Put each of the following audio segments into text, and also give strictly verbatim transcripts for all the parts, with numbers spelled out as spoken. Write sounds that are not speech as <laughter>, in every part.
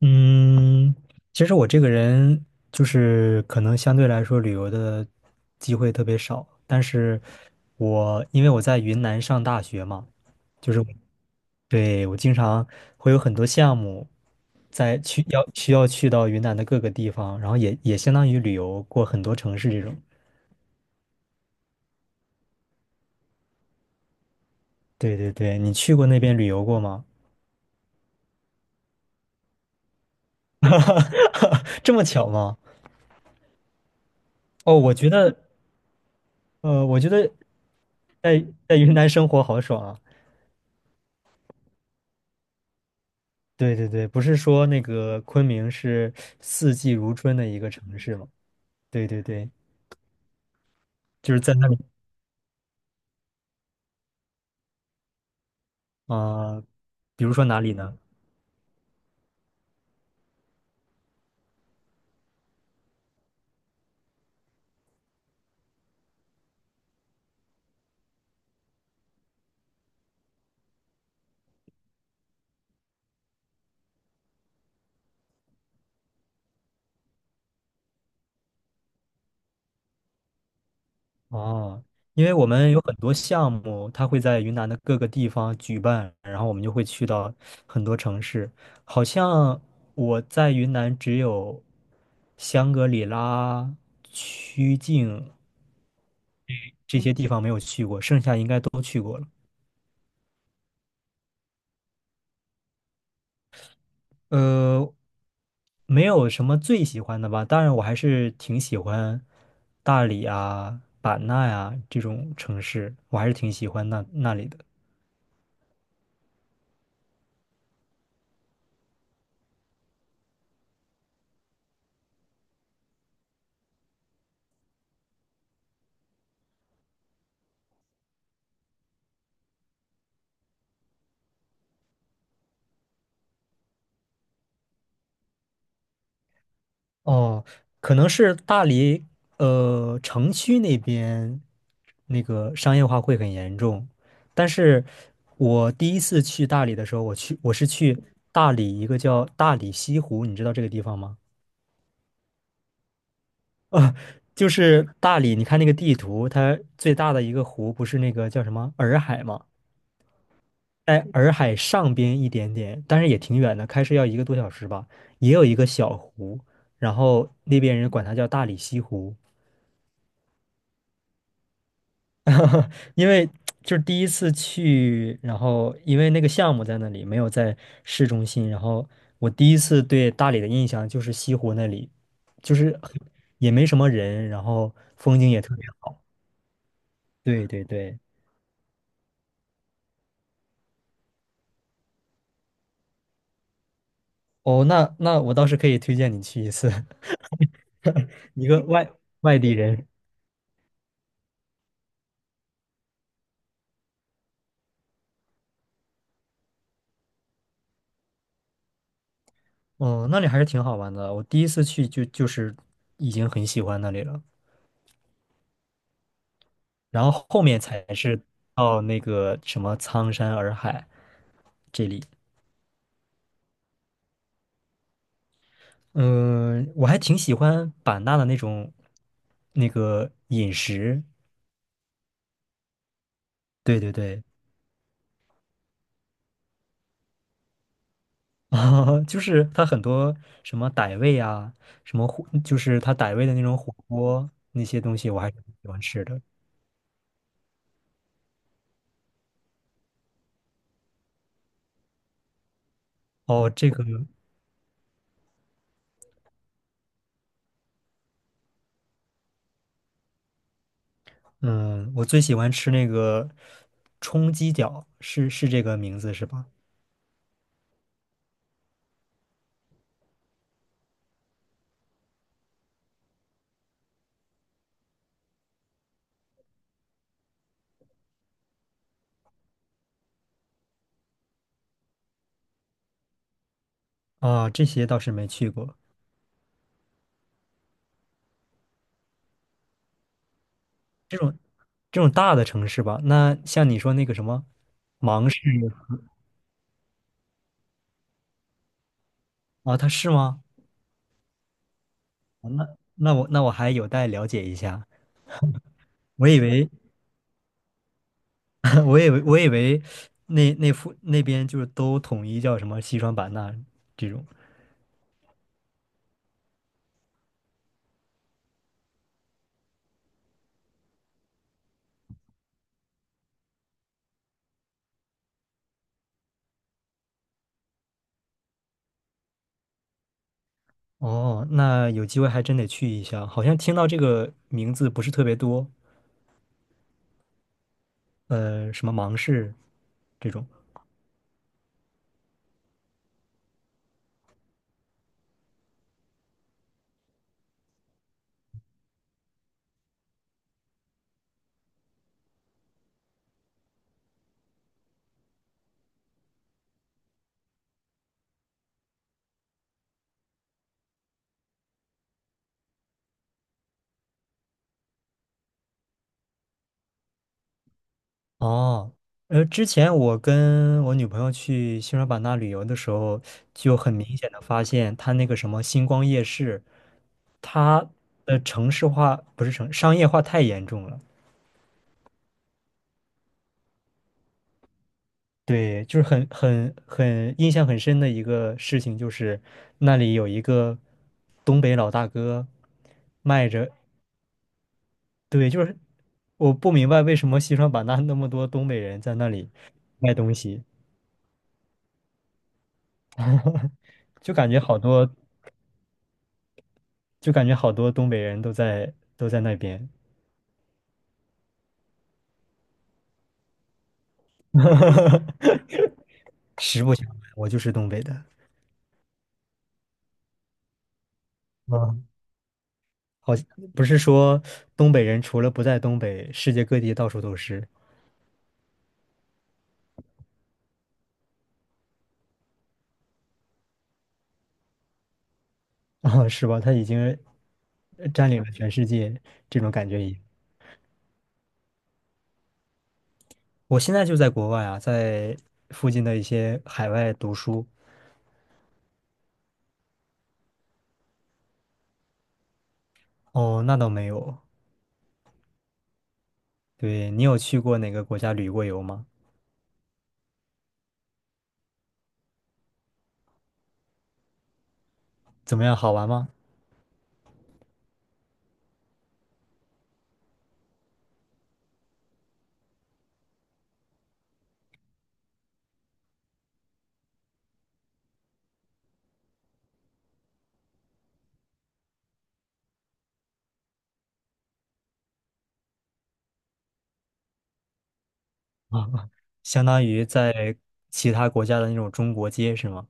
嗯，其实我这个人就是可能相对来说旅游的机会特别少，但是我因为我在云南上大学嘛，就是我对我经常会有很多项目在去要需要去到云南的各个地方，然后也也相当于旅游过很多城市这种。对对对，你去过那边旅游过吗？<laughs> 这么巧吗？哦，我觉得呃，我觉得在在云南生活好爽啊。对对对，不是说那个昆明是四季如春的一个城市吗？对对对，就是在那里啊，呃比如说哪里呢？哦，因为我们有很多项目，它会在云南的各个地方举办，然后我们就会去到很多城市。好像我在云南只有香格里拉、曲靖这些地方没有去过，剩下应该呃，没有什么最喜欢的吧，当然我还是挺喜欢大理啊、版纳呀、这种城市，我还是挺喜欢那那里的。哦，可能是大理，呃，城区那边那个商业化会很严重，但是我第一次去大理的时候，我去我是去大理一个叫大理西湖，你知道这个地方吗？就是大理，你看那个地图，它最大的一个湖不是那个叫什么洱海吗？在洱海上边一点点，但是也挺远的，开车要一个多小时吧。也有一个小湖，然后那边人管它叫大理西湖，<laughs> 因为就是第一次去，然后因为那个项目在那里，没有在市中心，然后我第一次对大理的印象就是西湖那里，就是也没什么人，然后风景也特别好。对对对。哦，那那我倒是可以推荐你去一次，<laughs> 一个外外地人。哦，那里还是挺好玩的。我第一次去就就是已经很喜欢那里了，然后后面才是到那个什么苍山洱海这里。嗯，我还挺喜欢版纳的那种那个饮食。对对对，<laughs> 啊，就是它很多什么傣味啊，什么火，就是它傣味的那种火锅那些东西，我还是挺喜欢吃的。哦，这个。嗯，我最喜欢吃那个冲鸡脚，是是这个名字是吧？啊，这些倒是没去过，这种大的城市吧。那像你说那个什么啊，它是吗？啊那那我那我还有待了解一下。我以为 <laughs> 我以为我以为那那附那边就是都统一叫什么西双版纳这种。哦，那有机会还真得去一下。好像听到这个名字不是特别多，呃，什么芒市这种。哦，呃，之前我跟我女朋友去西双版纳旅游的时候，就很明显的发现，它那个什么星光夜市，它的城市化不是城商业化太严重了。对，就是很很很印象很深的一个事情，就是那里有一个东北老大哥卖着，对，就是我不明白为什么西双版纳那么多东北人在那里卖东西，就感觉好多。就感觉好多东北人都在都在那边。<laughs> 实不相瞒，我就是东北的。嗯，好像不是说东北人除了不在东北，世界各地到处都是啊，是吧？他已经呃占领了全世界，这种感觉也。我现在就在国外啊，在附近的一些海外读书。哦，那倒没有。对，你有去过哪个国家旅过游吗？怎么样，好玩吗？<laughs> 啊，相当于在其他国家的那种中国街是吗？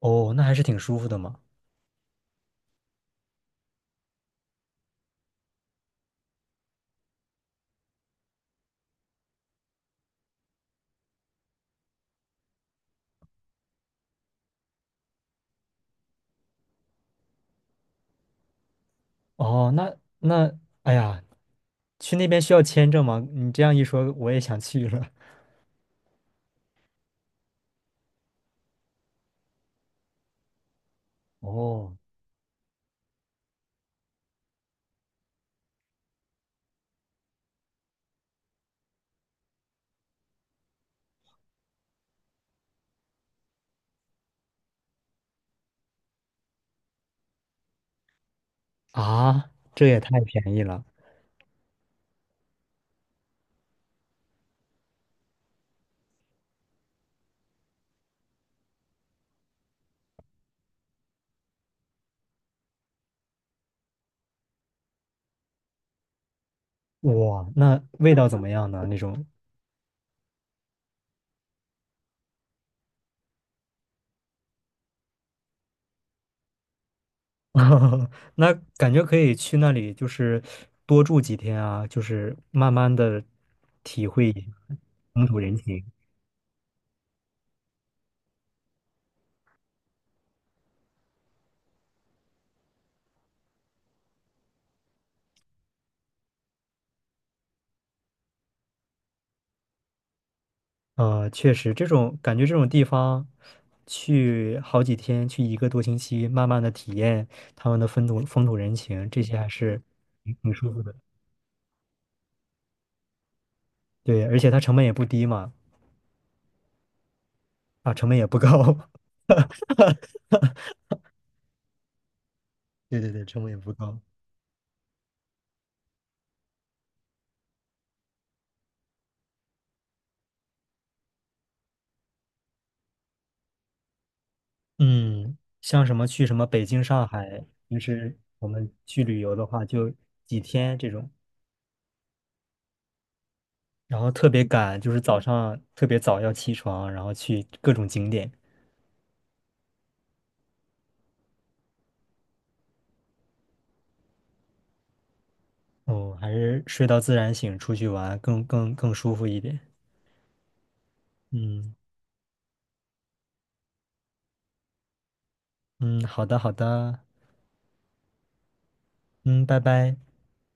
哦，那还是挺舒服的嘛。哦，那那，哎呀，去那边需要签证吗？你这样一说，我也想去了。哦，啊，这也太便宜了。哇，那味道怎么样呢？那种，<laughs> 那感觉可以去那里，就是多住几天啊，就是慢慢的体会风土人情。呃，确实，这种感觉，这种地方去好几天，去一个多星期，慢慢的体验他们的风土风土人情，这些还是挺挺舒服的。对，而且它成本也不低嘛，啊，成本也不高。<laughs> 对对对，成本也不高。嗯，像什么去什么北京、上海，平时我们去旅游的话，就几天这种，然后特别赶，就是早上特别早要起床，然后去各种景点。哦，还是睡到自然醒，出去玩更更更舒服一点。嗯嗯，好的好的，嗯，拜拜。